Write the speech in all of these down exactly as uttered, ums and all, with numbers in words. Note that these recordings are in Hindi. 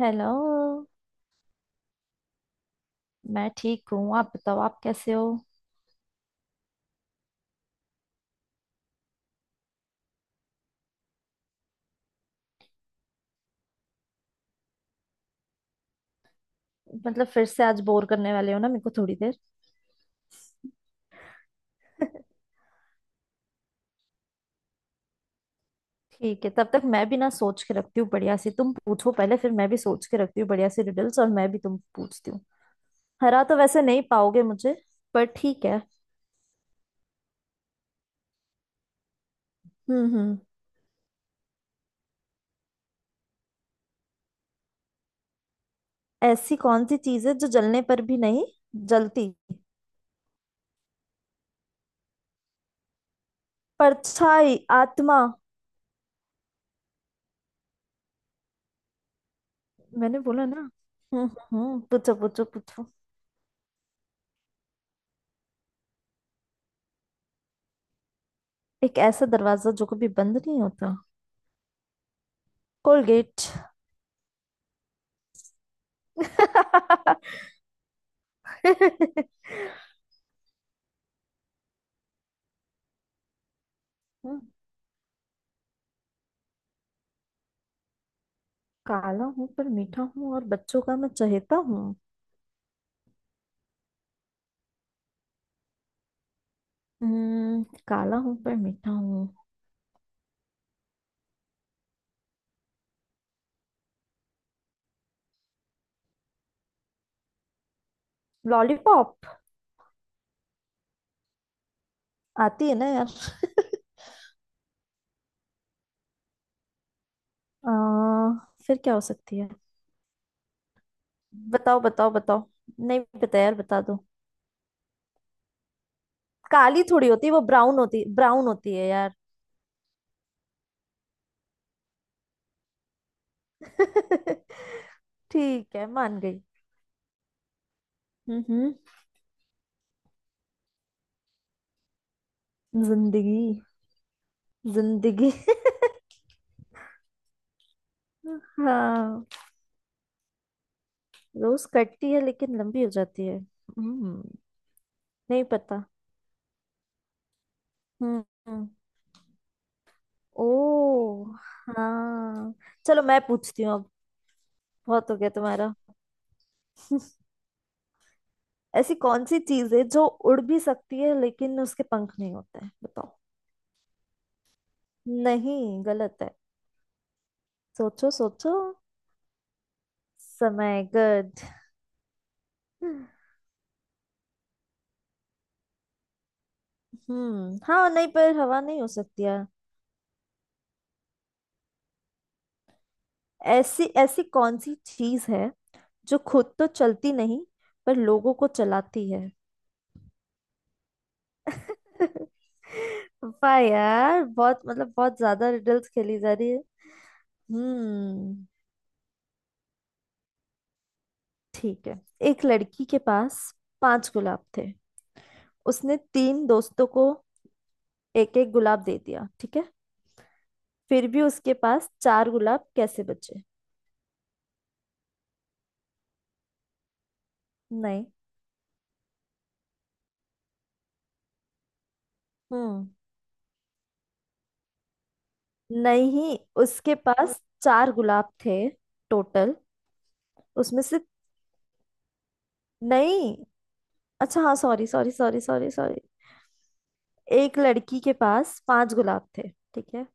हेलो। मैं ठीक हूँ, आप बताओ, आप कैसे हो? मतलब फिर से आज बोर करने वाले हो ना, मेरे को थोड़ी देर। ठीक है, तब तक मैं भी ना सोच के रखती हूँ बढ़िया सी, तुम पूछो पहले फिर मैं भी सोच के रखती हूँ बढ़िया सी रिडल्स और मैं भी तुम पूछती हूँ। हरा तो वैसे नहीं पाओगे मुझे। पर ठीक है। हम्म हम्म। ऐसी कौन सी चीज है जो जलने पर भी नहीं जलती? परछाई, आत्मा। मैंने बोला ना। हम्म हम्म हम्म, पूछो पूछो पूछो। एक ऐसा दरवाजा जो कभी बंद नहीं होता? कोलगेट। हम्म, काला हूं पर मीठा हूँ और बच्चों का मैं चहेता हूँ। हम्म, काला हूं पर मीठा हूँ। लॉलीपॉप। आती है ना यार। आ, फिर क्या हो सकती है? बताओ बताओ बताओ। नहीं पता यार, बता दो। काली थोड़ी होती है वो, ब्राउन होती ब्राउन होती है यार। ठीक है, मान गई। हम्म। जिंदगी, जिंदगी। हाँ। रोज कटती है लेकिन लंबी हो जाती है। हम्म नहीं पता। हम्म। ओ हाँ। चलो मैं पूछती हूँ अब। बहुत हो गया तुम्हारा। ऐसी कौन सी चीज है जो उड़ भी सकती है लेकिन उसके पंख नहीं होते हैं? बताओ। नहीं, गलत है। सोचो सोचो। समय। गुड। हम्म, हाँ। नहीं, पर हवा नहीं हो सकती यार। ऐसी ऐसी कौन सी चीज है जो खुद तो चलती नहीं पर लोगों को चलाती है? वाह यार, बहुत मतलब बहुत ज्यादा रिडल्स खेली जा रही है। हम्म, ठीक है। एक लड़की के पास पांच गुलाब थे। उसने तीन दोस्तों को एक एक गुलाब दे दिया, ठीक है? फिर भी उसके पास चार गुलाब कैसे बचे? नहीं। हम्म। नहीं, उसके पास चार गुलाब थे टोटल, उसमें से नहीं। अच्छा, हाँ, sorry sorry sorry sorry sorry. एक लड़की के पास पांच गुलाब थे, ठीक है?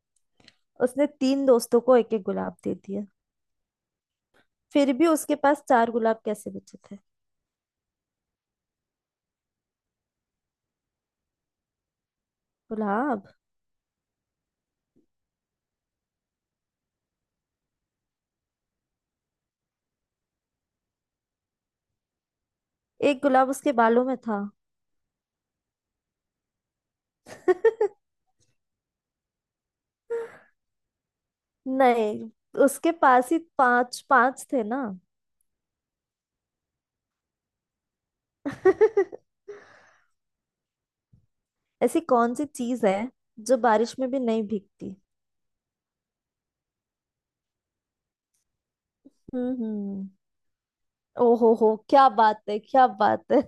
उसने तीन दोस्तों को एक एक गुलाब दे दिया। फिर भी उसके पास चार गुलाब कैसे बचे थे? गुलाब। एक गुलाब उसके बालों में था। नहीं, उसके पास ही पांच पांच थे ना। ऐसी कौन सी चीज है जो बारिश में भी नहीं भीगती? हम्म हम्म। ओ हो हो क्या बात है, क्या बात है!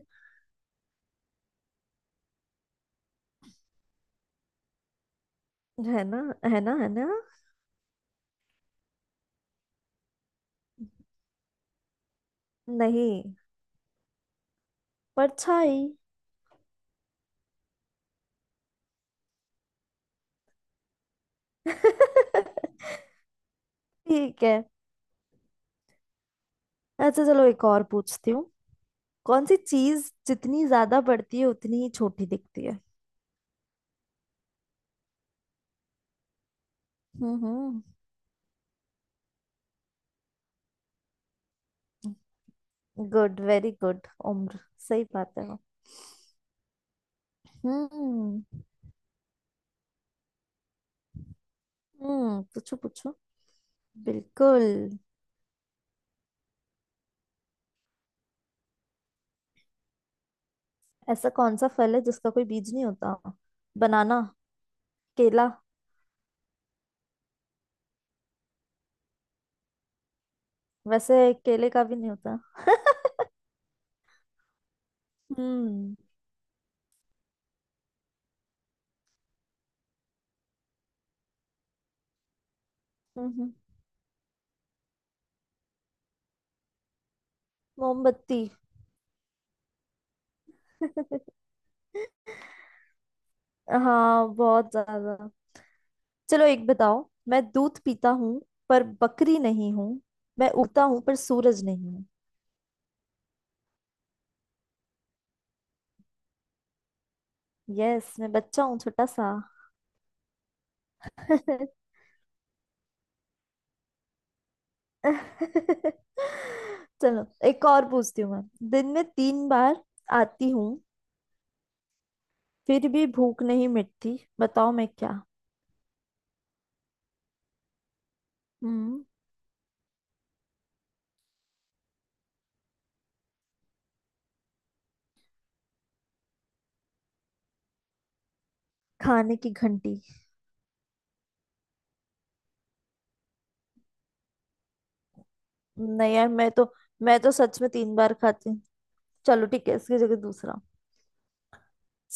है ना, है ना, है ना। नहीं। परछाई। ठीक। है अच्छा चलो, एक और पूछती हूँ। कौन सी चीज जितनी ज्यादा बढ़ती है उतनी ही छोटी दिखती है? हम्म हम्म। Good, very good. उम्र। सही बात है वो। हम्म। हम्म, पूछो पूछो। बिल्कुल। ऐसा कौन सा फल है जिसका कोई बीज नहीं होता? बनाना। केला। वैसे केले का भी नहीं होता। हम्म हम्म, हम्म। मोमबत्ती। हाँ, बहुत ज्यादा। चलो एक बताओ। मैं दूध पीता हूँ पर बकरी नहीं हूँ। मैं उगता हूँ पर सूरज नहीं हूँ। यस, मैं बच्चा हूँ छोटा सा। चलो एक और पूछती हूँ मैं। दिन में तीन बार आती हूँ फिर भी भूख नहीं मिटती, बताओ मैं क्या? हम्म। खाने की घंटी। नहीं यार, मैं तो मैं तो सच में तीन बार खाती हूँ। चलो ठीक है, इसकी जगह दूसरा।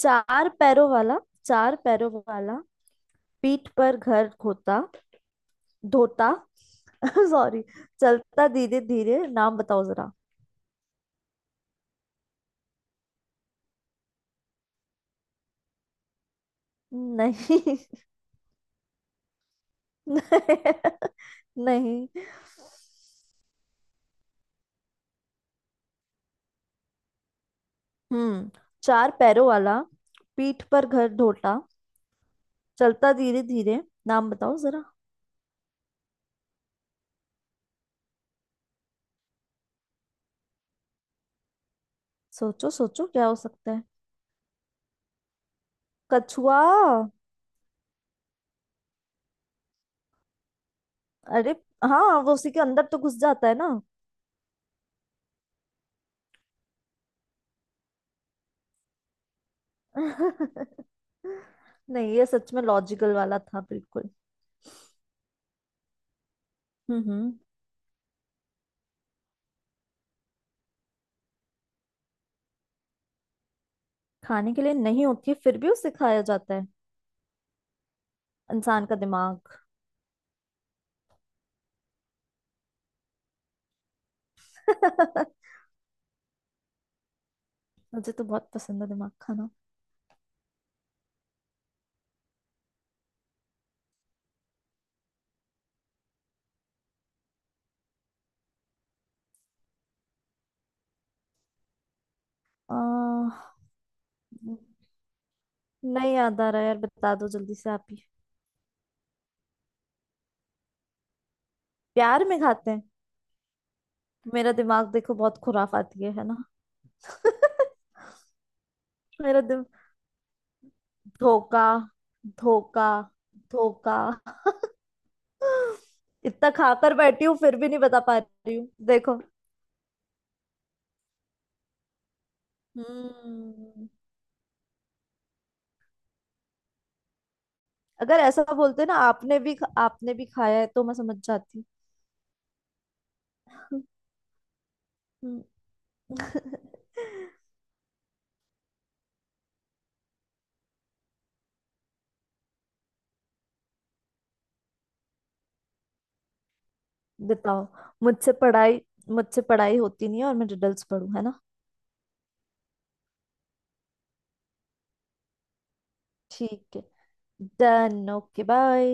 चार पैरों वाला, चार पैरों वाला, पीठ पर घर खोता धोता। सॉरी। चलता धीरे धीरे, नाम बताओ जरा। नहीं। नहीं। हम्म। चार पैरों वाला, पीठ पर घर ढोता, चलता धीरे धीरे, नाम बताओ जरा। सोचो सोचो, क्या हो सकता है? कछुआ। अरे हाँ, वो उसी के अंदर तो घुस जाता है ना। नहीं, ये सच में लॉजिकल वाला था बिल्कुल। हम्म हम्म। खाने के लिए नहीं होती है फिर भी उसे खाया जाता है। इंसान का दिमाग। मुझे तो बहुत पसंद है दिमाग खाना। आ, नहीं याद आ रहा यार, बता दो जल्दी से आप ही। प्यार में खाते हैं। मेरा दिमाग देखो, बहुत खुराफ आती है है ना। मेरा दिम धोखा, धोखा, धोखा। इतना खाकर बैठी हूँ फिर भी नहीं बता पा रही हूँ, देखो। हम्म। अगर ऐसा बोलते ना, आपने भी ख- आपने भी खाया है तो मैं समझ जाती। हम्म। बताओ। मुझसे पढ़ाई मुझसे पढ़ाई होती नहीं है और मैं रिडल्स पढ़ू, है ना। ठीक है। डन। Okay bye.